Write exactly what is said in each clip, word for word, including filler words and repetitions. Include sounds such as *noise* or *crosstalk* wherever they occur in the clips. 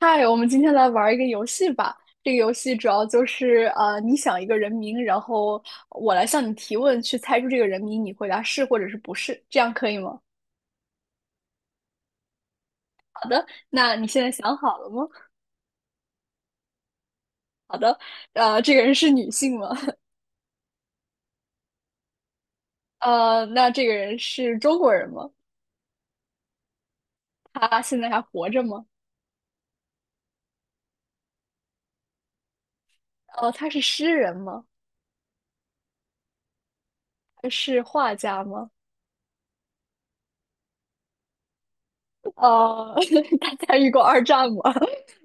嗨，我们今天来玩一个游戏吧。这个游戏主要就是呃，你想一个人名，然后我来向你提问，去猜出这个人名，你回答是或者是不是，这样可以吗？好的，那你现在想好了吗？好的，呃，这个人是女性吗？*laughs* 呃，那这个人是中国人吗？他现在还活着吗？呃，他是诗人吗？他是画家吗？呃，*laughs* 他参与过二战吗？*laughs*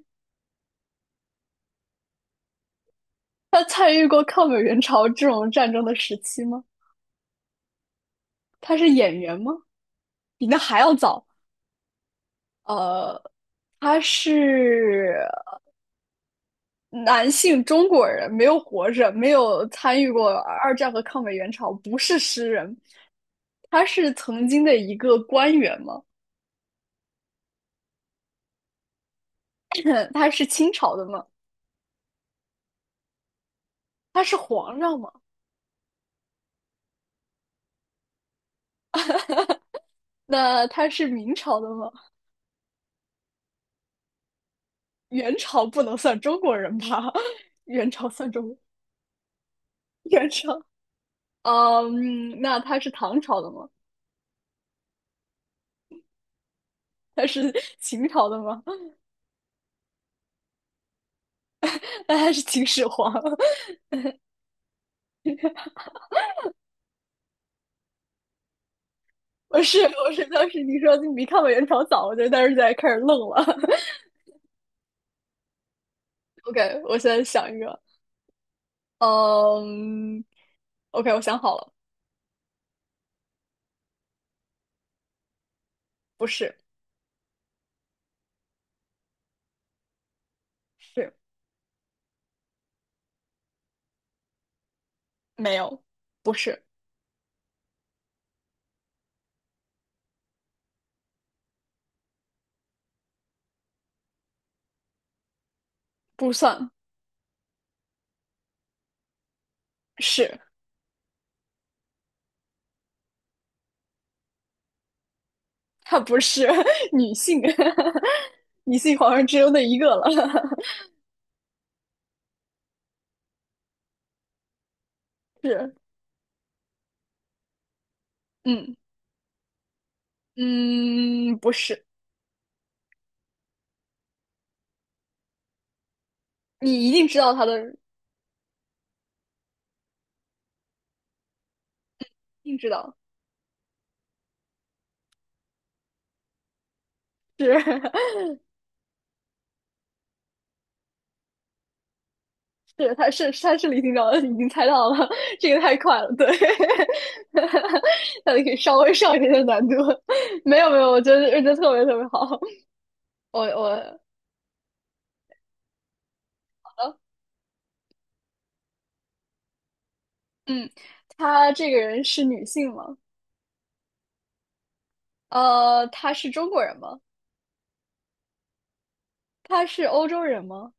他参与过抗美援朝这种战争的时期吗？他是演员吗？比那还要早。呃，他是男性中国人，没有活着，没有参与过二战和抗美援朝，不是诗人。他是曾经的一个官员吗？*coughs* 他是清朝的吗？他是皇上吗？那他是明朝的吗？元朝不能算中国人吧？*laughs* 元朝算中国，元朝。呃嗯，那他是唐朝的吗？他是 *laughs* 秦朝的吗？那他是秦始皇。我是我是当时你说你比看过元朝早，我就当时在开始愣了。*laughs* OK，我现在想一个，嗯 um,，OK，我想好了，不是，是没有，不是，不算是，他不是 *laughs* 女性，*laughs* 女性皇上只有那一个了，*laughs* 是，嗯嗯，不是，你一定知道他的，一定知道，是对，他是他是李厅照，*laughs* 已经猜到了，这个太快了，对，*laughs* 那你可以稍微上一点点难度。没有没有，我觉得我觉得特别特别好。我我好了，嗯，他这个人是女性吗？呃，他是中国人吗？他是欧洲人吗？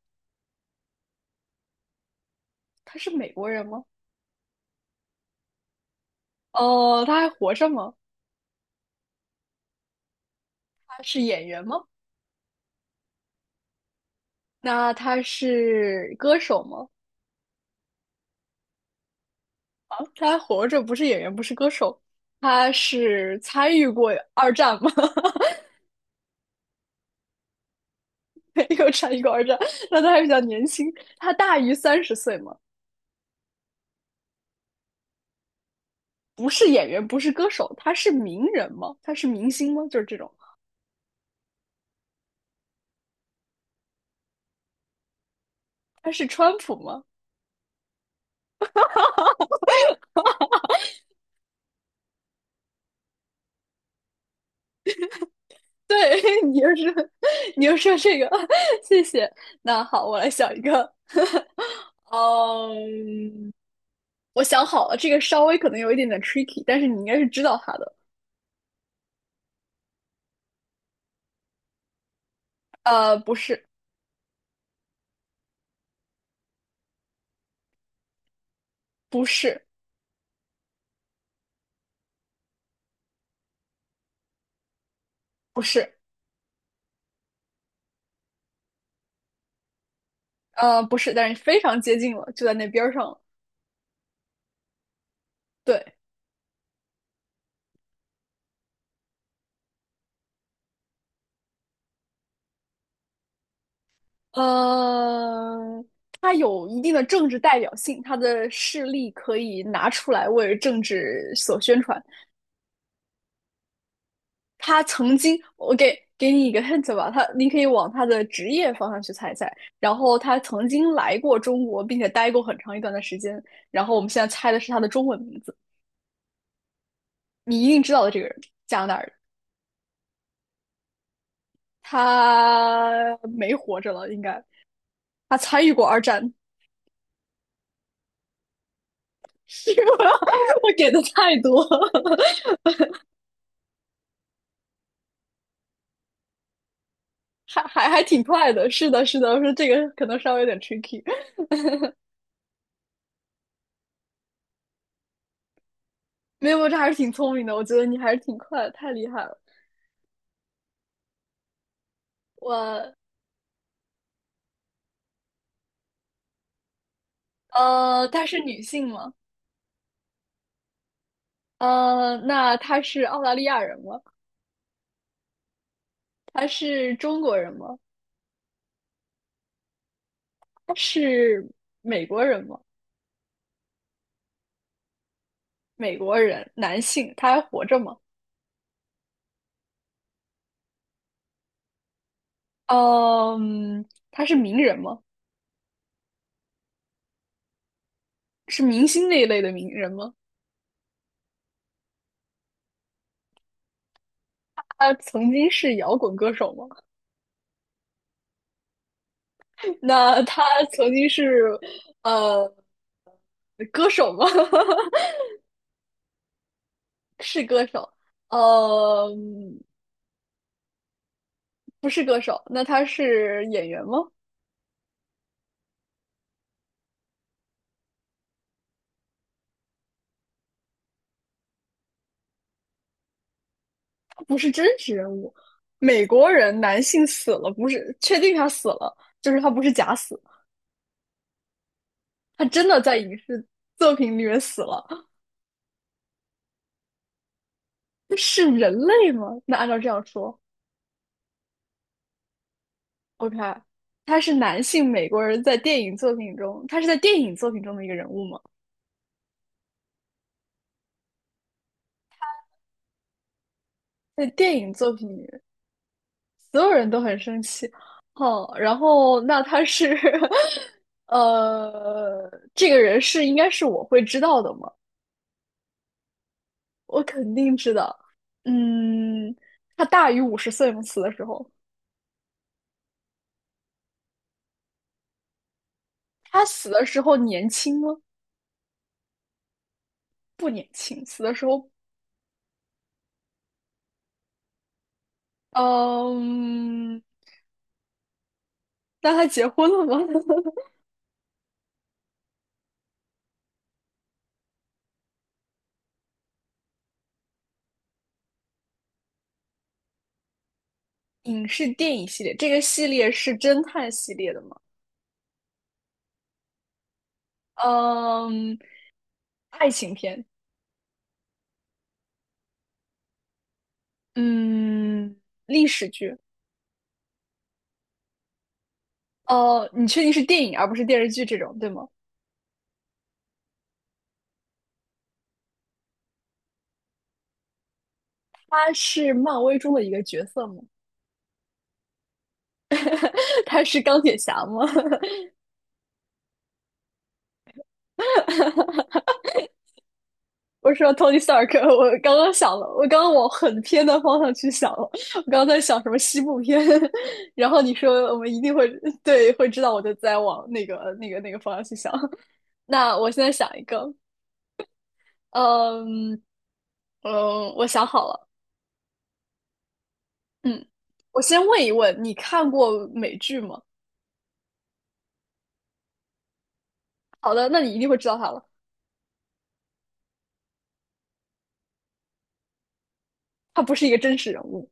他是美国人吗？哦，呃他还活着吗？他是演员吗？那他是歌手吗？啊，他还活着，不是演员，不是歌手。他是参与过二战吗？*laughs* *laughs* 没有产一个儿子，那他还比较年轻，他大于三十岁吗？不是演员，不是歌手，他是名人吗？他是明星吗？就是这种，他是川普吗？*laughs* 对，你就是，你又说这个，*laughs* 谢谢。那好，我来想一个，嗯，我想好了，这个稍微可能有一点点 tricky，但是你应该是知道他的。呃，不是，不是，不是，呃，不是，但是非常接近了，就在那边儿上了。对，呃，他有一定的政治代表性，他的事例可以拿出来为政治所宣传。他曾经，我给给你一个 hint 吧，他你可以往他的职业方向去猜一猜。然后他曾经来过中国，并且待过很长一段的时间。然后我们现在猜的是他的中文名字，你一定知道的这个人，加拿大人，他没活着了，应该他参与过二战。*laughs* 是吗？*laughs* 我给的太多。还还还挺快的，是的，是的，我说这个可能稍微有点 tricky，*laughs* 没有，这还是挺聪明的，我觉得你还是挺快的，太厉害了。我呃，她是女性吗？呃，那她是澳大利亚人吗？她是中国人吗？她是美国人吗？美国人，男性，他还活着吗？嗯，他是名人吗？是明星那一类的名人吗？他曾经是摇滚歌手吗？*laughs* 那他曾经是呃歌手吗？*laughs* 是歌手，呃，不是歌手，那他是演员吗？他不是真实人物，美国人男性死了，不是确定他死了，就是他不是假死，他真的在影视作品里面死了，是人类吗？那按照这样说，OK，他是男性美国人在电影作品中，他是在电影作品中的一个人物吗？在电影作品里所有人都很生气。哦，然后那他是，*laughs* 呃，这个人是应该是我会知道的吗？我肯定知道。嗯，他大于五十岁吗？死的时候，他死的时候年轻吗？不年轻，死的时候，嗯，那他结婚了吗？*laughs* 影视电影系列，这个系列是侦探系列的吗？嗯，爱情片，嗯，历史剧，哦，你确定是电影而不是电视剧这种，对吗？他是漫威中的一个角色吗？*laughs* 他是钢铁侠吗？*laughs* 我说 Tony Stark，我刚刚想了，我刚刚往很偏的方向去想了，我刚刚在想什么西部片，*laughs* 然后你说我们一定会对会知道，我就在往那个那个那个方向去想。*laughs* 那我现在想一个，嗯嗯，我想好了，嗯，我先问一问，你看过美剧吗？好的，那你一定会知道他了，他不是一个真实人物。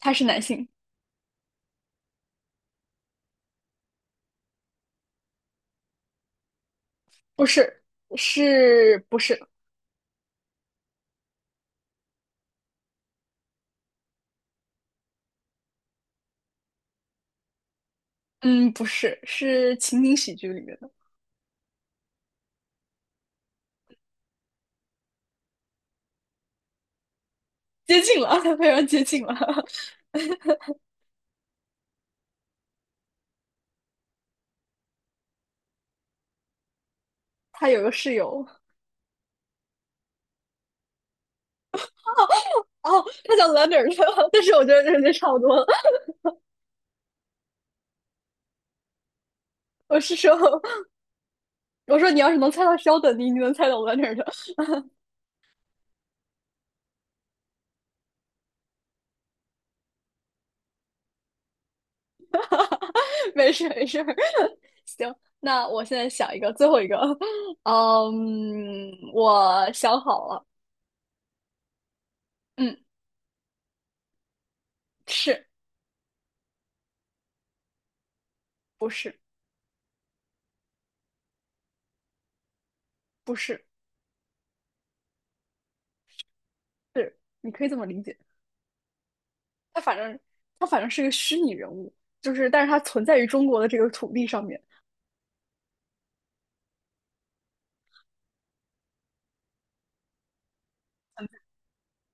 他是男性，不是，是不是？嗯，不是，是情景喜剧里面的，接近了，他非常接近了。*laughs* 他有个室友，哦，他叫 Leonard，*laughs* 但是我觉得这这差不多了。我是说，我说你要是能猜到 s h e 你一定能猜到 Leonard。*laughs* 没事没事，*laughs* 行，那我现在想一个，最后一个，*laughs* 嗯，我想好了，嗯，是不是不是是，你可以这么理解。他反正他反正是个虚拟人物，就是但是他存在于中国的这个土地上面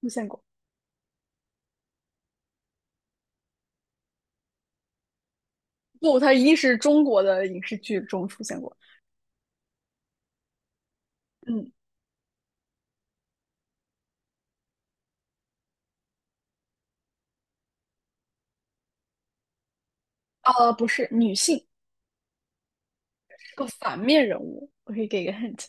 出现过。不，他一定是中国的影视剧中出现过。嗯，呃，不是女性，是个反面人物。我可以给一个 hint，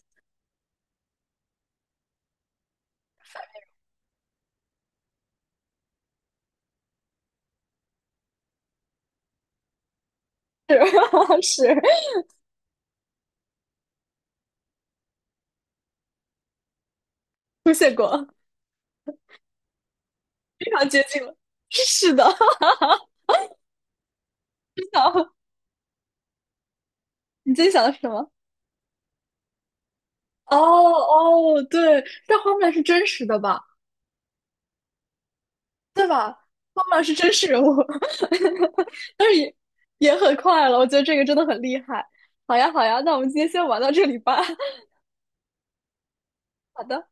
是 *laughs* 是出现过，非常接近了。是的，*laughs* 你想你今天想的是什么？哦哦，对，但花木兰是真实的吧？对吧？妈妈是真实人物，*laughs* 但是也也很快了，我觉得这个真的很厉害。好呀，好呀，那我们今天先玩到这里吧。*laughs* 好的。